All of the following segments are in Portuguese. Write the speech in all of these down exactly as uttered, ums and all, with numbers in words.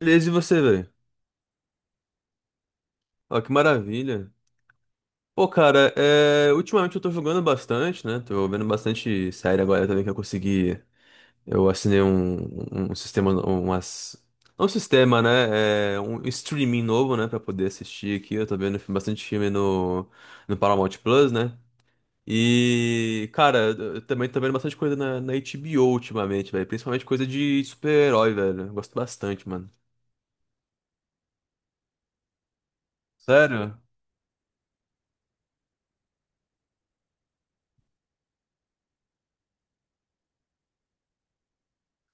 Beleza, e você, velho? Ó, que maravilha. Pô, cara, é... ultimamente eu tô jogando bastante, né? Tô vendo bastante série agora também que eu consegui. Eu assinei um, um um sistema, umas. Não um sistema, né? É um streaming novo, né? Pra poder assistir aqui. Eu tô vendo bastante filme no, no Paramount Plus, né? E, cara, eu também tô vendo bastante coisa na, na agá bê ó ultimamente, velho. Principalmente coisa de super-herói, velho. Eu gosto bastante, mano. Sério?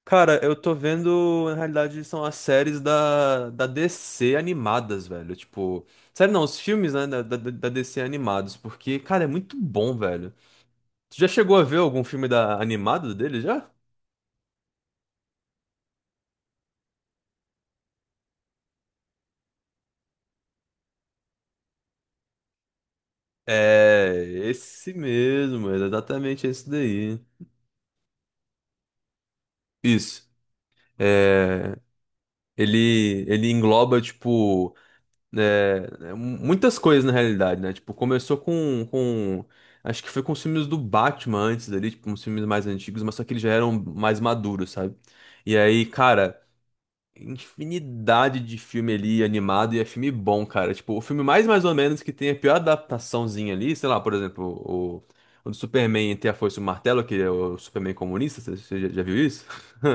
Cara, eu tô vendo, na realidade, são as séries da, da dê cê animadas, velho. Tipo, sério não, os filmes, né, da, da, da dê cê animados, porque, cara, é muito bom, velho. Tu já chegou a ver algum filme da animado dele já? É, esse mesmo, é exatamente esse daí. Isso. É, ele, ele engloba, tipo, É, é, muitas coisas na realidade, né? Tipo, começou com, com. Acho que foi com os filmes do Batman antes dali, tipo, uns filmes mais antigos, mas só que eles já eram mais maduros, sabe? E aí, cara, infinidade de filme ali animado e é filme bom, cara. Tipo, o filme mais mais ou menos que tem a pior adaptaçãozinha ali, sei lá, por exemplo, o, o do Superman entre a Foice e o Martelo, que é o Superman comunista, você você já já viu isso?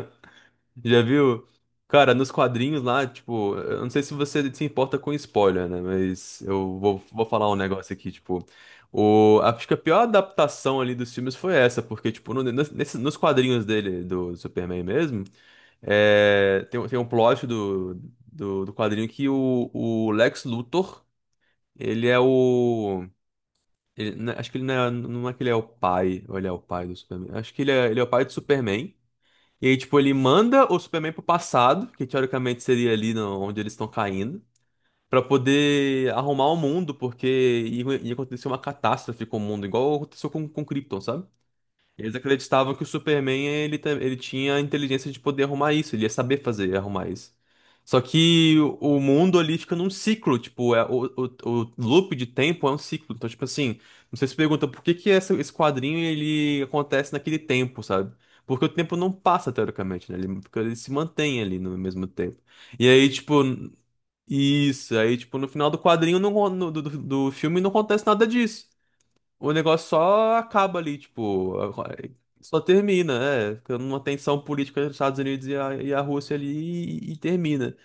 Já viu? Cara, nos quadrinhos lá, tipo, eu não sei se você se importa com spoiler, né? Mas eu vou, vou falar um negócio aqui, tipo. O, acho que a pior adaptação ali dos filmes foi essa, porque, tipo, no- nesse- nesse- nos quadrinhos dele, do Superman mesmo, é, tem, um- tem um plot do, do, do quadrinho que o, o Lex Luthor, ele é o. ele- né, acho que ele não é, não é que ele é o pai, ou ele é o pai do Superman. Acho que ele é, ele é o pai do Superman. E aí, tipo, ele manda o Superman pro passado, que teoricamente seria ali no- onde eles estão caindo, pra poder arrumar o mundo, porque ia, ia acontecer uma catástrofe com o mundo, igual aconteceu com, com Krypton, sabe? Eles acreditavam que o Superman ele, ta- ele tinha a inteligência de poder arrumar isso, ele ia saber fazer arrumar isso. Só que o o mundo ali fica num ciclo, tipo, é, o, o, o loop de tempo é um ciclo. Então, tipo assim, você se pergunta por que que essa- esse quadrinho ele acontece naquele tempo, sabe? Porque o tempo não passa, teoricamente, né? Ele, fica- ele se mantém ali no mesmo tempo. E aí, tipo, isso, aí, tipo, no final do quadrinho, não, no- do, do do filme, não acontece nada disso. O negócio só acaba ali, tipo, só termina, é, ficando uma tensão política entre os Estados Unidos e a, e a Rússia ali e, e termina.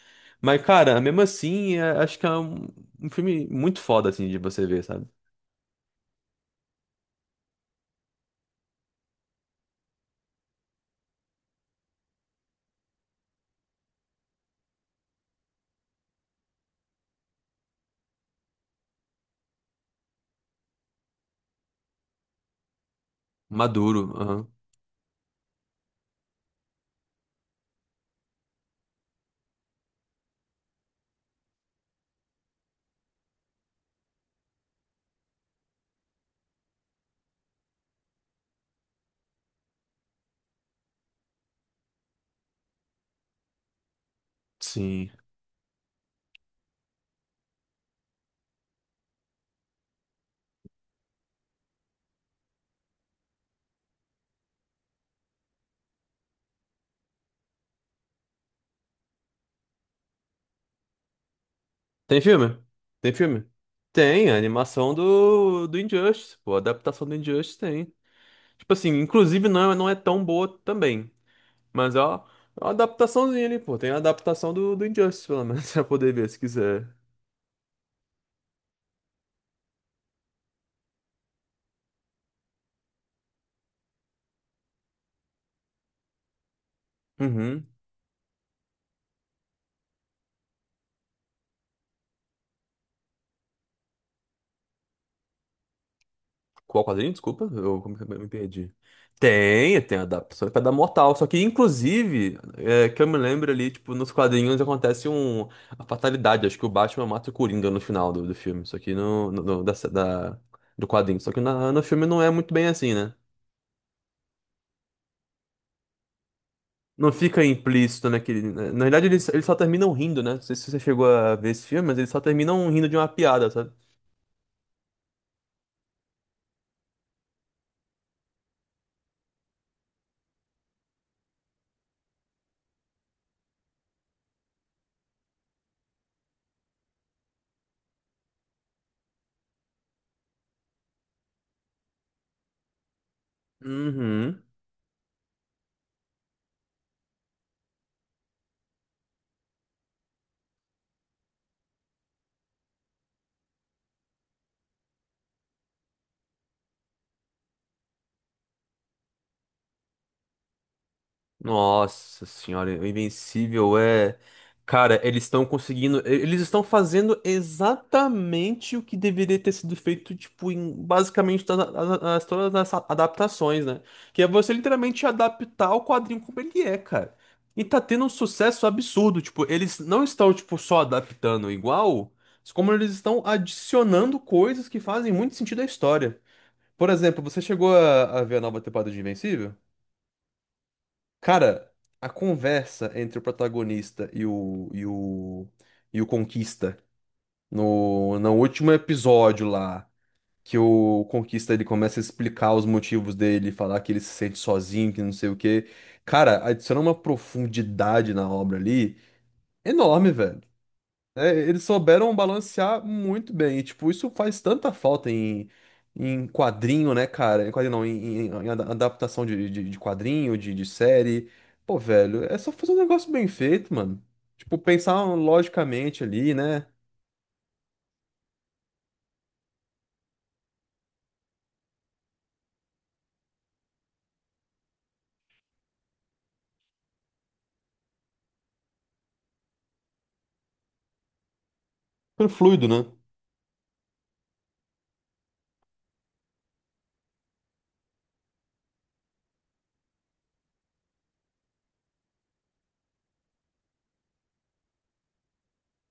Mas, cara, mesmo assim, é- acho que é um, um filme muito foda, assim, de você ver, sabe? Maduro, aham. Sim. Tem filme? Tem filme? Tem, a animação do, do Injustice, pô, a adaptação do Injustice tem. Tipo assim, inclusive não, não é tão boa também, mas ó. É uma adaptaçãozinha ali, pô. Tem a adaptação do, do Injustice, pelo menos, pra poder ver se quiser. Uhum. Qual quadrinho? Desculpa, eu como que eu me perdi. Tem, tem adaptações pra dar mortal. Só que, inclusive, é, que eu me lembro ali, tipo, nos quadrinhos acontece um, a fatalidade. Acho que o Batman mata o Coringa no final do, do filme. Só que no, no- no- da, da- do quadrinho. Só que na- no filme não é muito bem assim, né? Não fica implícito naquele. Né? Na verdade, eles, eles só terminam rindo, né? Não sei se você chegou a ver esse filme, mas eles só terminam rindo de uma piada, sabe? Uhum. Nossa senhora, o Invencível é. Cara, eles estão conseguindo. e- Eles estão fazendo exatamente o que deveria ter sido feito, tipo, em basicamente todas as, as- todas as adaptações, né? Que é você literalmente adaptar o quadrinho como ele é, cara. E tá tendo um sucesso absurdo. Tipo, eles não estão, tipo, só adaptando igual, como eles estão adicionando coisas que fazem muito sentido à história. Por exemplo, você chegou a, a ver a nova temporada de Invencível? Cara, a conversa entre o protagonista e o, e o, e o Conquista no, no último episódio lá, que o Conquista ele começa a explicar os motivos dele, falar que ele se sente sozinho, que não sei o quê. Cara, adiciona uma profundidade na obra ali enorme, velho. É, eles souberam balancear muito bem. E, tipo, isso faz tanta falta em, em quadrinho, né, cara? Em quadrinho não, em, em- em ada- adaptação de, de, de quadrinho, de, de série. Pô, velho, é só fazer um negócio bem feito, mano. Tipo, pensar logicamente ali, né? Super Fluido, né?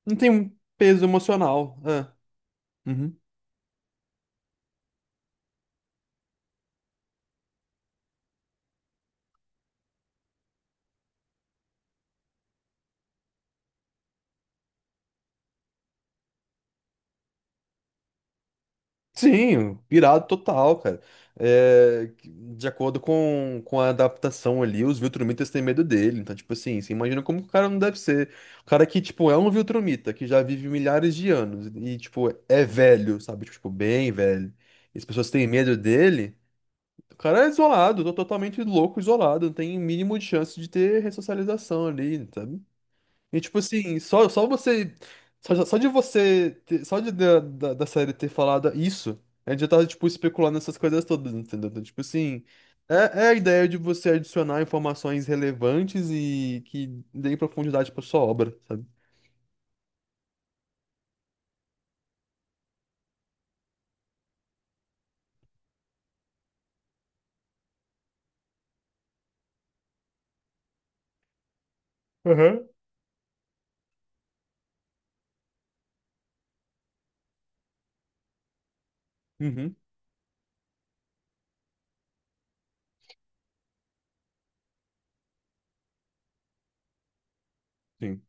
Não tem um peso emocional. É. Uhum. Sim, pirado total, cara. É, de acordo com, com a adaptação ali, os Viltrumitas têm medo dele. Então, tipo assim, você imagina como que o cara não deve ser. O cara que, tipo, é um Viltrumita, que já vive milhares de anos e, tipo, é velho, sabe? Tipo, bem velho. E as pessoas têm medo dele. O cara é isolado, to- totalmente louco, isolado. Não tem mínimo de chance de ter ressocialização ali, sabe? E tipo assim, só, só você. Só, só de você. Ter- só de, da, da, da série ter falado isso, a gente já tava, tipo, especulando essas coisas todas, entendeu? Então, tipo assim. É, é a ideia de você adicionar informações relevantes e que deem profundidade pra sua obra, sabe? Aham. Uhum, sim.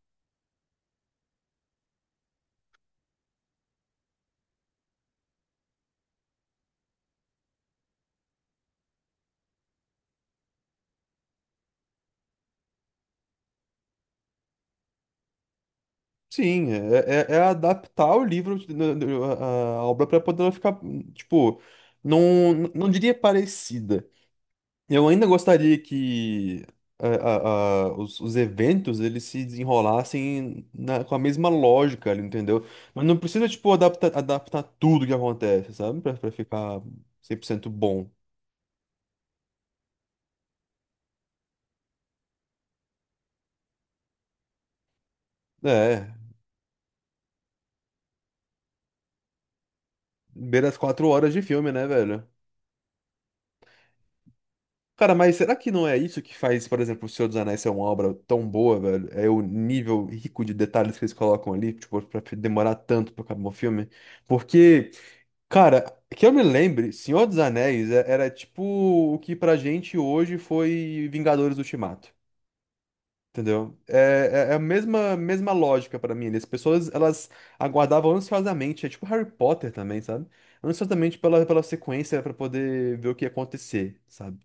Sim, é, é, é adaptar o livro, né, a, a obra para poder ela ficar, tipo, não, não diria parecida. Eu ainda gostaria que a- a- a- os, os eventos eles se desenrolassem na- com a mesma lógica, ali, entendeu? Mas não precisa, tipo, adaptar, adaptar tudo que acontece, sabe? Pra, pra ficar cem por cento bom. É, beira as quatro horas de filme, né, velho? Cara, mas será que não é isso que faz, por exemplo, O Senhor dos Anéis ser uma obra tão boa, velho? É o nível rico de detalhes que eles colocam ali, tipo, pra demorar tanto pra acabar o filme? Porque Cara, que eu me lembre, Senhor dos Anéis é- era tipo o que pra gente hoje foi Vingadores Ultimato. Entendeu? É, é- é a mesma, mesma lógica pra mim. Ali. As pessoas, elas aguardavam ansiosamente, é tipo Harry Potter também, sabe? Ansiosamente pela, pela sequência pra poder ver o que ia acontecer, sabe?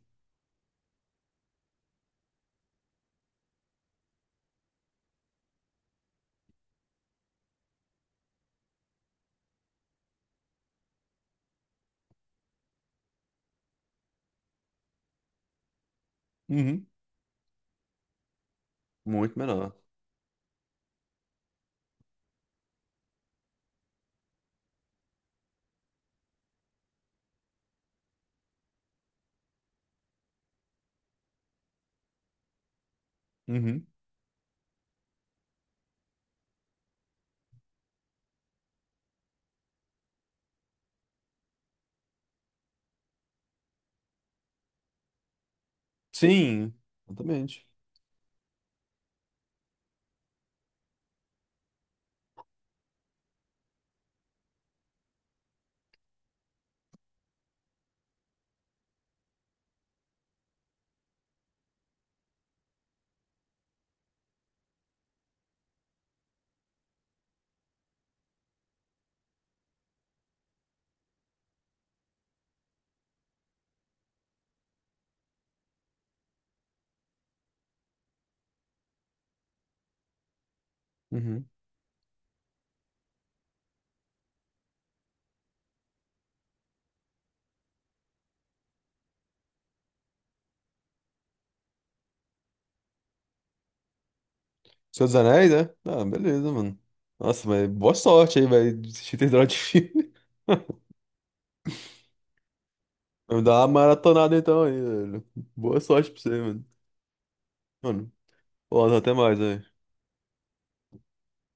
Uhum. Muito menor. Uhum. Sim, exatamente. Uhum. Senhor dos Anéis, né? Ah, beleza, mano. Nossa, mas boa sorte aí, vai assistir esse droga de filme. Vou dar uma maratonada então aí, velho. Boa sorte pra você, mano. Mano, olá, até mais, velho.